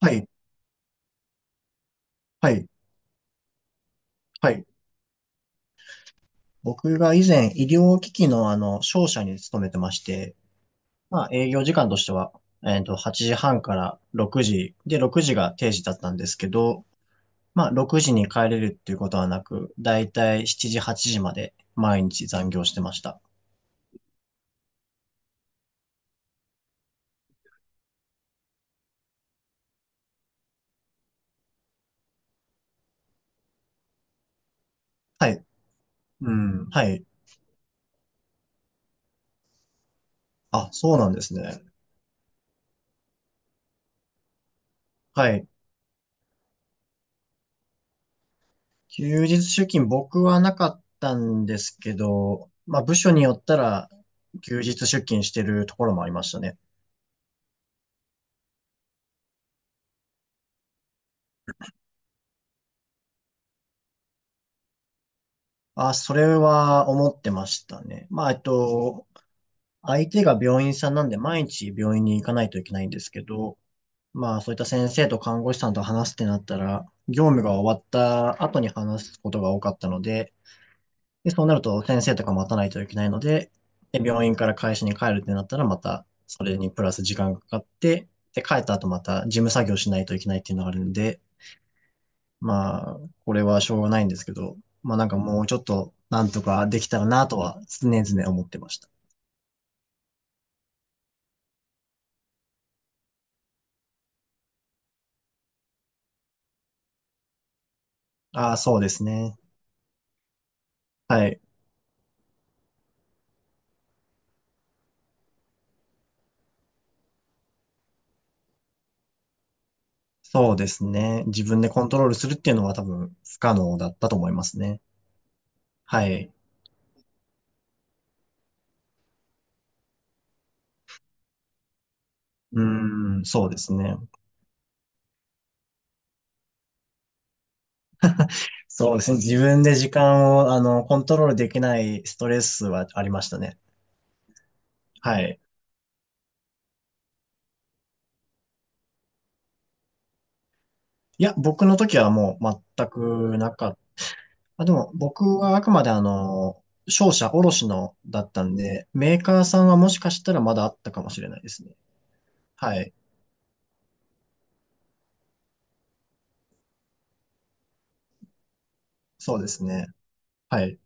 はい、はい、はい。僕が以前医療機器の商社に勤めてまして、まあ営業時間としては、8時半から6時、で、6時が定時だったんですけど、まあ6時に帰れるっていうことはなく、だいたい7時、8時まで毎日残業してました。はい。うん、はい。あ、そうなんですね。はい。休日出勤僕はなかったんですけど、まあ部署によったら休日出勤してるところもありましたね。あ、それは思ってましたね。相手が病院さんなんで毎日病院に行かないといけないんですけど、まあ、そういった先生と看護師さんと話すってなったら、業務が終わった後に話すことが多かったので、で、そうなると先生とか待たないといけないので、で、病院から会社に帰るってなったら、またそれにプラス時間がかかって、で、帰った後また事務作業しないといけないっていうのがあるんで、まあ、これはしょうがないんですけど、まあなんかもうちょっとなんとかできたらなとは常々思ってました。ああ、そうですね。はい。そうですね。自分でコントロールするっていうのは多分不可能だったと思いますね。はい。うーん、そうですね。そうですね。自分で時間を、コントロールできないストレスはありましたね。はい。いや、僕の時はもう全くなかっまあ、でも僕はあくまで商社卸のだったんで、メーカーさんはもしかしたらまだあったかもしれないですね。はい。そうですね。はい。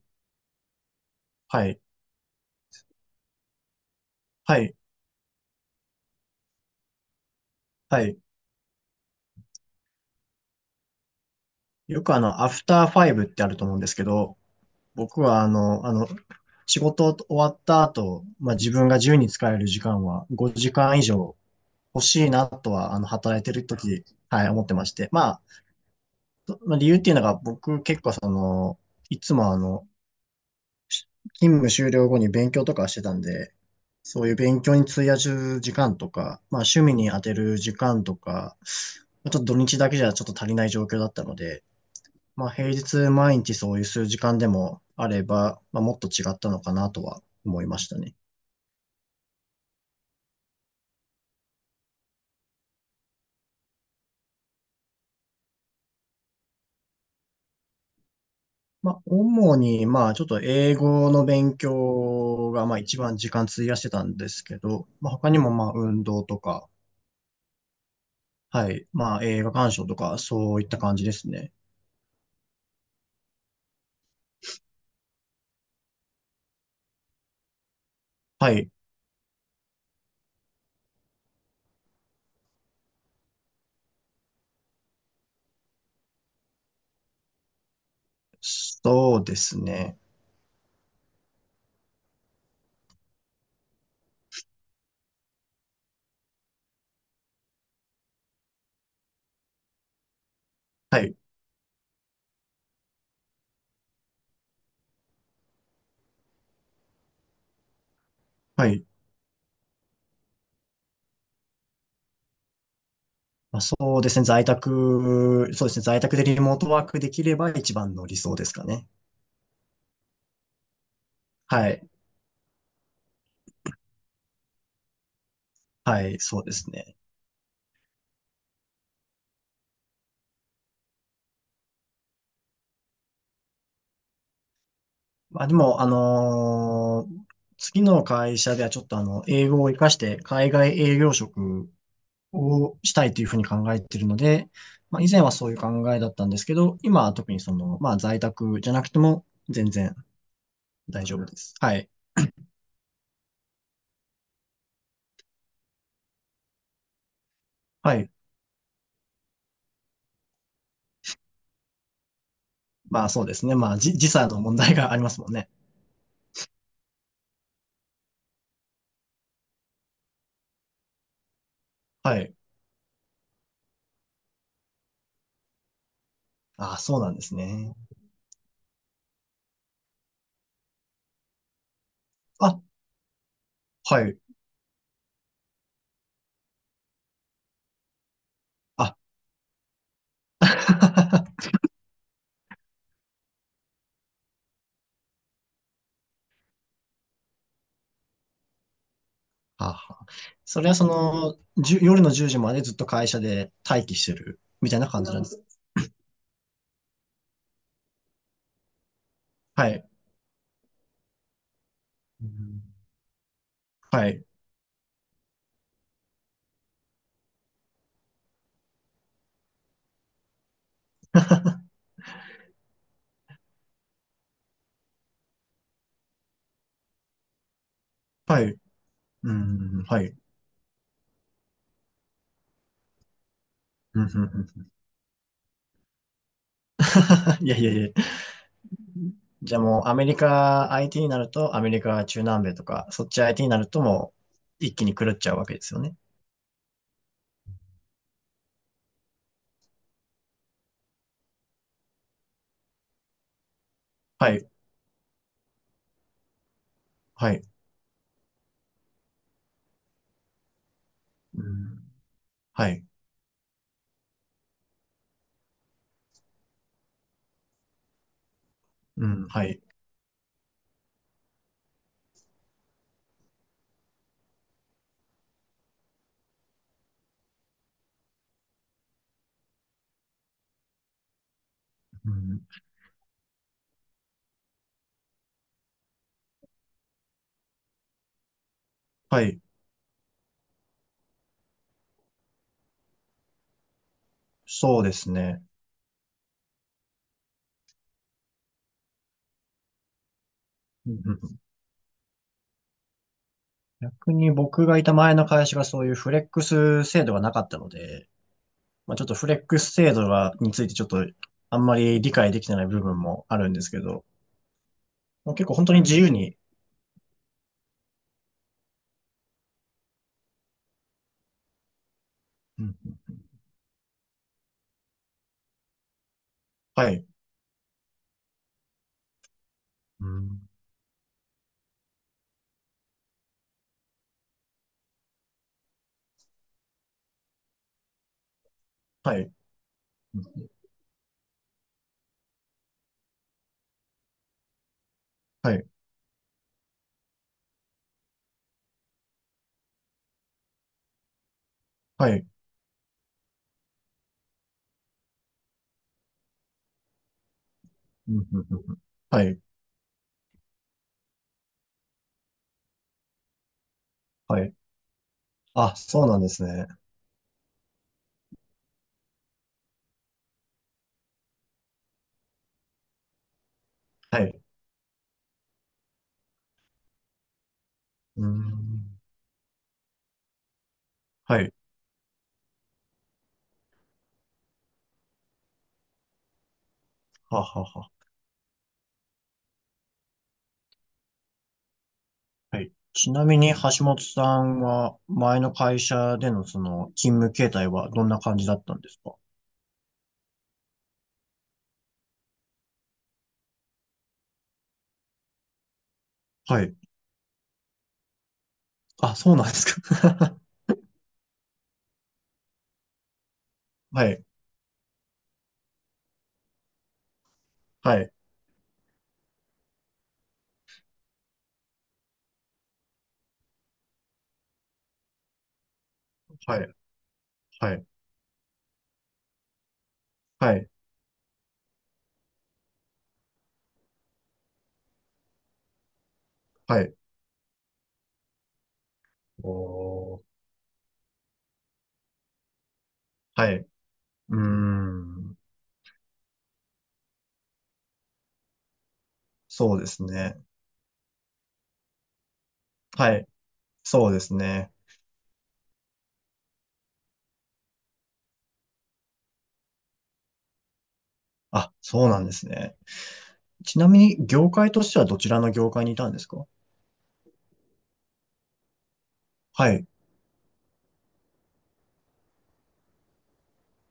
はい。はい。はい。よくアフターファイブってあると思うんですけど、僕は仕事終わった後、まあ、自分が自由に使える時間は5時間以上欲しいなとは、働いてる時、はい、思ってまして。まあ、そまあ理由っていうのが僕結構その、いつも勤務終了後に勉強とかしてたんで、そういう勉強に費やす時間とか、まあ趣味に当てる時間とか、まあちょっと土日だけじゃちょっと足りない状況だったので、まあ平日毎日そういう数時間でもあれば、まあもっと違ったのかなとは思いましたね。まあ主にまあちょっと英語の勉強がまあ一番時間費やしてたんですけど、まあ他にもまあ運動とか、はい、まあ映画鑑賞とかそういった感じですね。はい。そうですね。はい。はい。まあ、そうですね。在宅、そうですね。在宅でリモートワークできれば一番の理想ですかね。はい。はい。そうですね。まあ、でも、あのー次の会社ではちょっと英語を活かして海外営業職をしたいというふうに考えているので、まあ、以前はそういう考えだったんですけど、今は特にその、まあ、在宅じゃなくても全然大丈夫です。はい。はい。まあ、そうですね。まあ、じ時差の問題がありますもんね。はい。あ、そうなんですね。あ、はい。あ、はは。それはその、じゅ、夜の10時までずっと会社で待機してるみたいな感じなんです。はい。うん、はい。はい。うん、はい。うん、うん、うん いやいやいや。じゃあもうアメリカ IT になると、アメリカ中南米とか、そっち IT になるともう一気に狂っちゃうわけですよね。はい。はい。うん、はい。うん、はい。うん、はい。そうですね。逆に僕がいた前の会社がそういうフレックス制度がなかったので、まあ、ちょっとフレックス制度がについてちょっとあんまり理解できてない部分もあるんですけど、まあ結構本当に自由に、うん、はい、うん、はい、うんはい、はい、うん、うんうんうんはい、はい。あ、そうなんですね。はい、うん、はい、ははは。はい。ちなみに橋本さんは前の会社でのその勤務形態はどんな感じだったんですか？はい。あ、そうなんですか。はい、はい、はい、はい、はい、はい。おー、はい。うーん、そうですね。はい、そうですね。あ、そうなんですね。ちなみに、業界としてはどちらの業界にいたんですか？はい、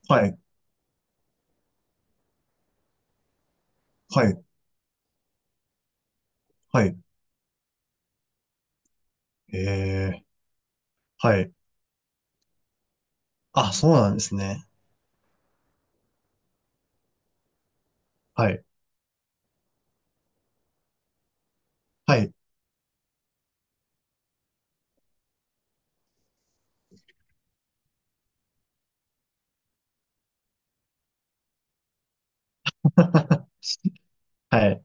はい、はい、はい。えー、はい。あ、そうなんですね。はい、はい、はい。